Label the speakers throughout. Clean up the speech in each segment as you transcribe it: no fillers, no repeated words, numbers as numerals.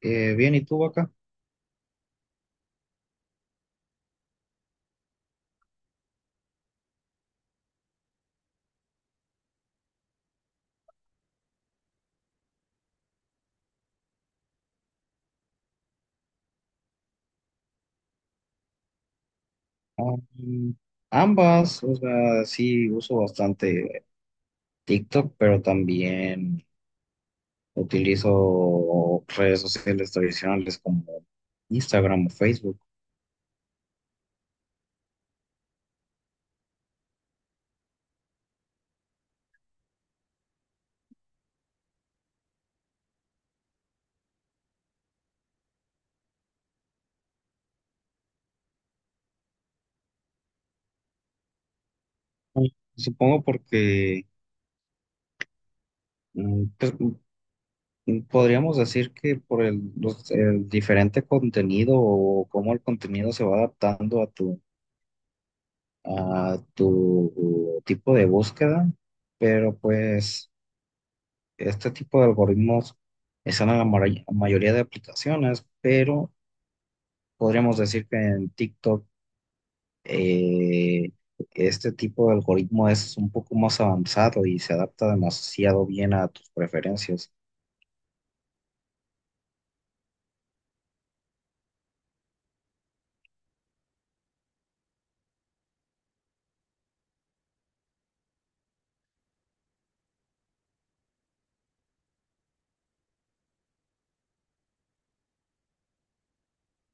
Speaker 1: Bien, ¿y tú acá? Ambas, o sea, sí uso bastante TikTok, pero también utilizo redes sociales tradicionales como Instagram o Facebook. Supongo porque pues, podríamos decir que por el diferente contenido o cómo el contenido se va adaptando a tu tipo de búsqueda, pero pues este tipo de algoritmos están en la mayoría de aplicaciones, pero podríamos decir que en TikTok eh, este tipo de algoritmo es un poco más avanzado y se adapta demasiado bien a tus preferencias.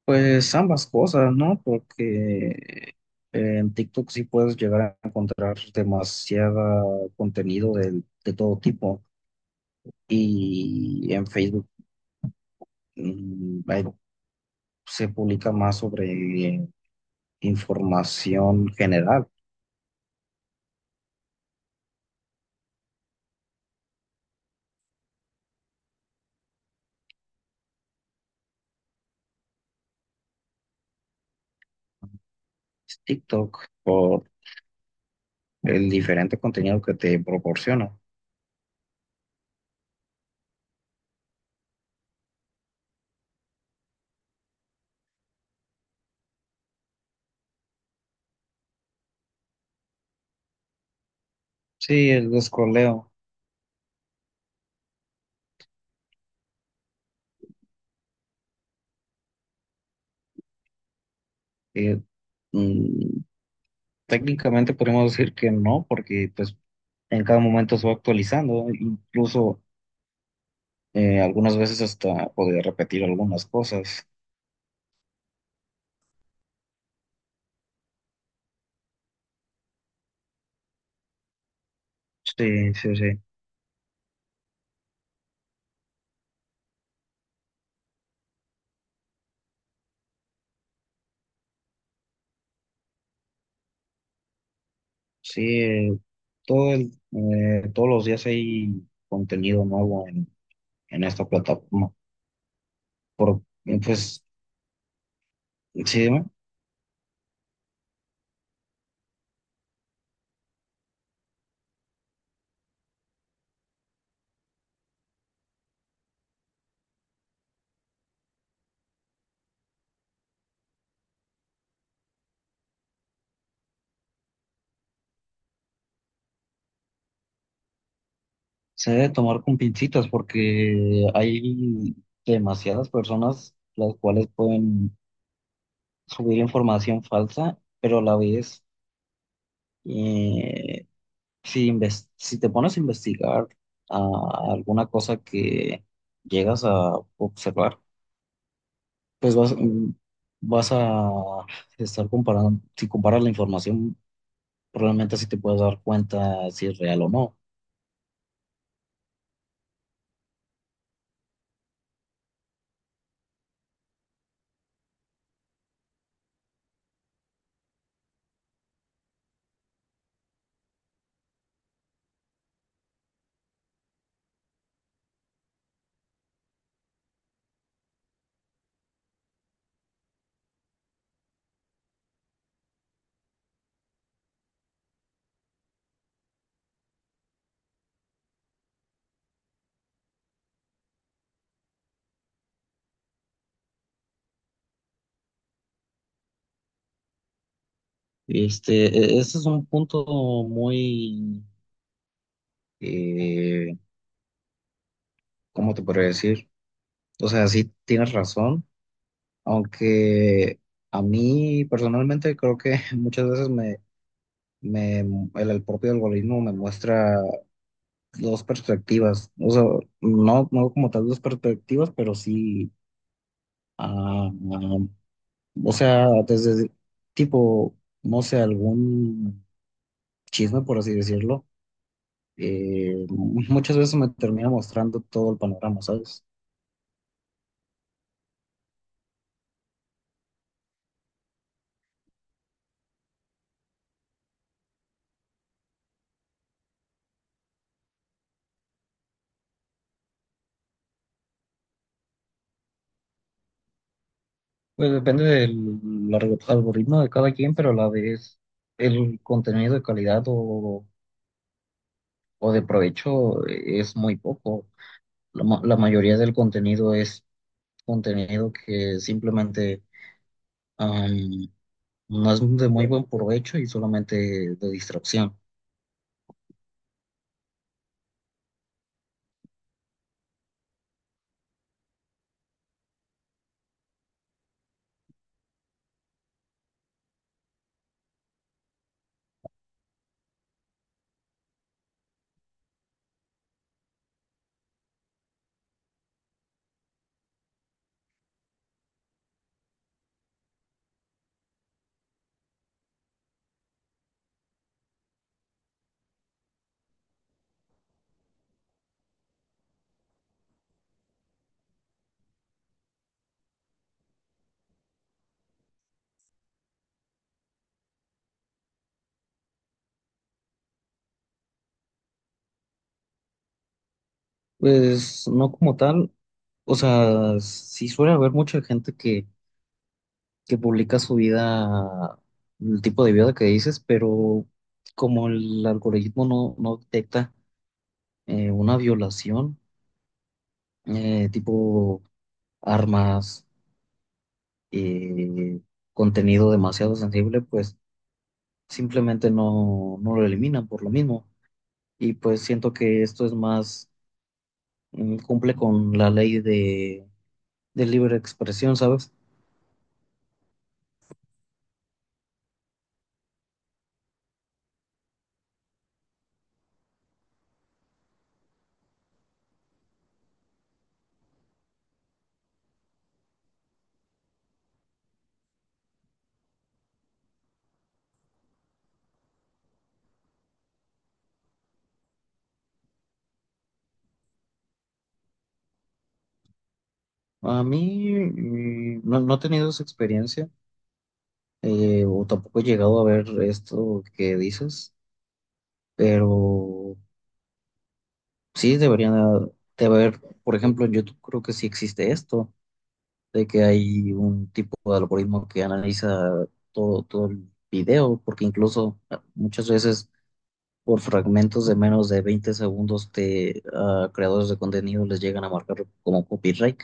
Speaker 1: Pues ambas cosas, ¿no? Porque en TikTok sí puedes llegar a encontrar demasiado contenido de todo tipo, y en Facebook, mm, hay- se publica más sobre información general. TikTok, por el diferente contenido que te proporciona. Sí, el descoleo, eh, mm, técnicamente podemos decir que no, porque pues en cada momento se va actualizando, incluso algunas veces hasta podría repetir algunas cosas. Sí, sí, sí. Sí, todos los días hay contenido nuevo en esta plataforma. Por, pues, sí. Se debe tomar con pincitas porque hay demasiadas personas las cuales pueden subir información falsa, pero a la vez, eh, si te pones a investigar a alguna cosa que llegas a observar, pues vas a estar comparando; si comparas la información, probablemente así te puedes dar cuenta si es real o no. Este, ese es un punto muy, eh, ¿cómo te podría decir? O sea, sí tienes razón, aunque a mí personalmente creo que muchas veces me, el propio algoritmo me muestra dos perspectivas, o sea, no como tal dos perspectivas, pero sí, ah, ah, o sea, desde tipo, no sé, algún chisme, por así decirlo, muchas veces me termina mostrando todo el panorama, ¿sabes? Pues depende del algoritmo de cada quien, pero a la vez el contenido de calidad o de provecho es muy poco. La mayoría del contenido es contenido que simplemente am, no es de muy buen provecho y solamente de distracción. Pues no como tal, o sea, sí suele haber mucha gente que publica su vida, el tipo de vida que dices, pero como el algoritmo no detecta una violación, tipo armas, eh, contenido demasiado sensible, pues simplemente no lo eliminan por lo mismo. Y pues siento que esto es más, cumple con la ley de libre expresión, ¿sabes? A mí no he tenido esa experiencia, o tampoco he llegado a ver esto que dices, pero sí deberían de haber, por ejemplo, en YouTube creo que sí existe esto de que hay un tipo de algoritmo que analiza todo, todo el video, porque incluso muchas veces por fragmentos de menos de 20 segundos de creadores de contenido les llegan a marcar como copyright.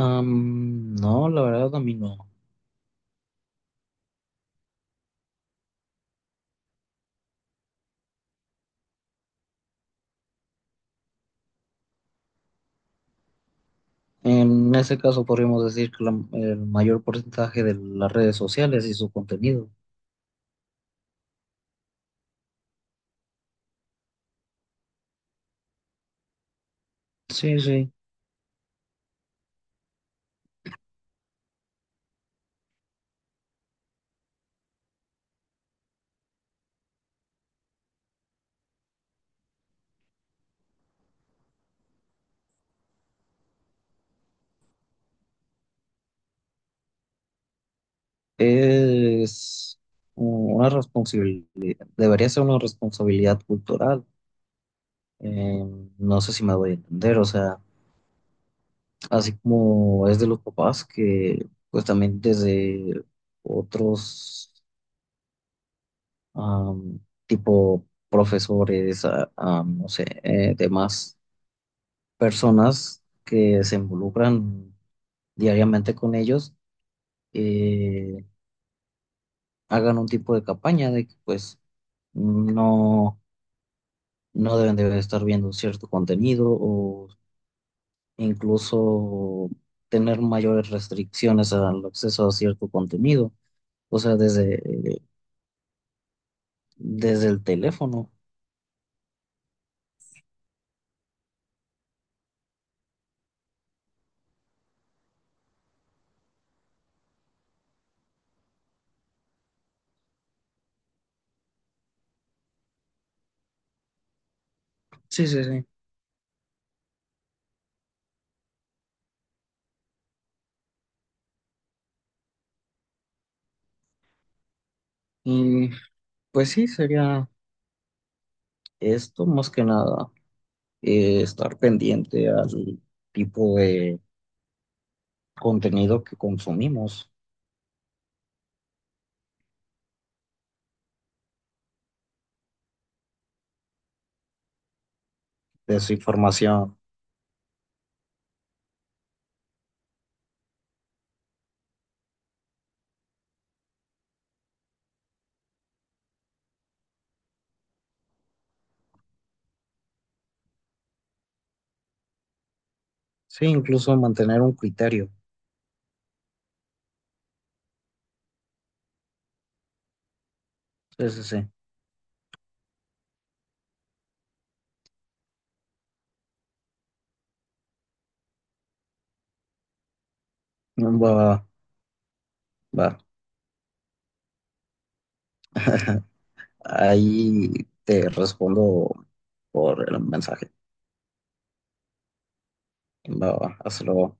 Speaker 1: No, la verdad a mí no. En ese caso podríamos decir que el mayor porcentaje de las redes sociales y su contenido. Sí, sí. Es una responsabilidad, debería ser una responsabilidad cultural. Eh, no sé si me voy a entender, o sea, así como es de los papás, que pues también desde otros, am, tipo profesores, no sé, demás personas que se involucran diariamente con ellos, eh, hagan un tipo de campaña de que pues no, no deben de estar viendo cierto contenido, incluso tener mayores restricciones al acceso a cierto contenido, o sea, desde el teléfono. Sí, sí, sí. Y pues sí, sería esto más que nada, estar pendiente al tipo de contenido que consumimos, de su información. Sí, incluso mantener un criterio. Sí, sí, sí. Va, va. Va. Ahí te respondo por el mensaje. Va, va. Hasta luego.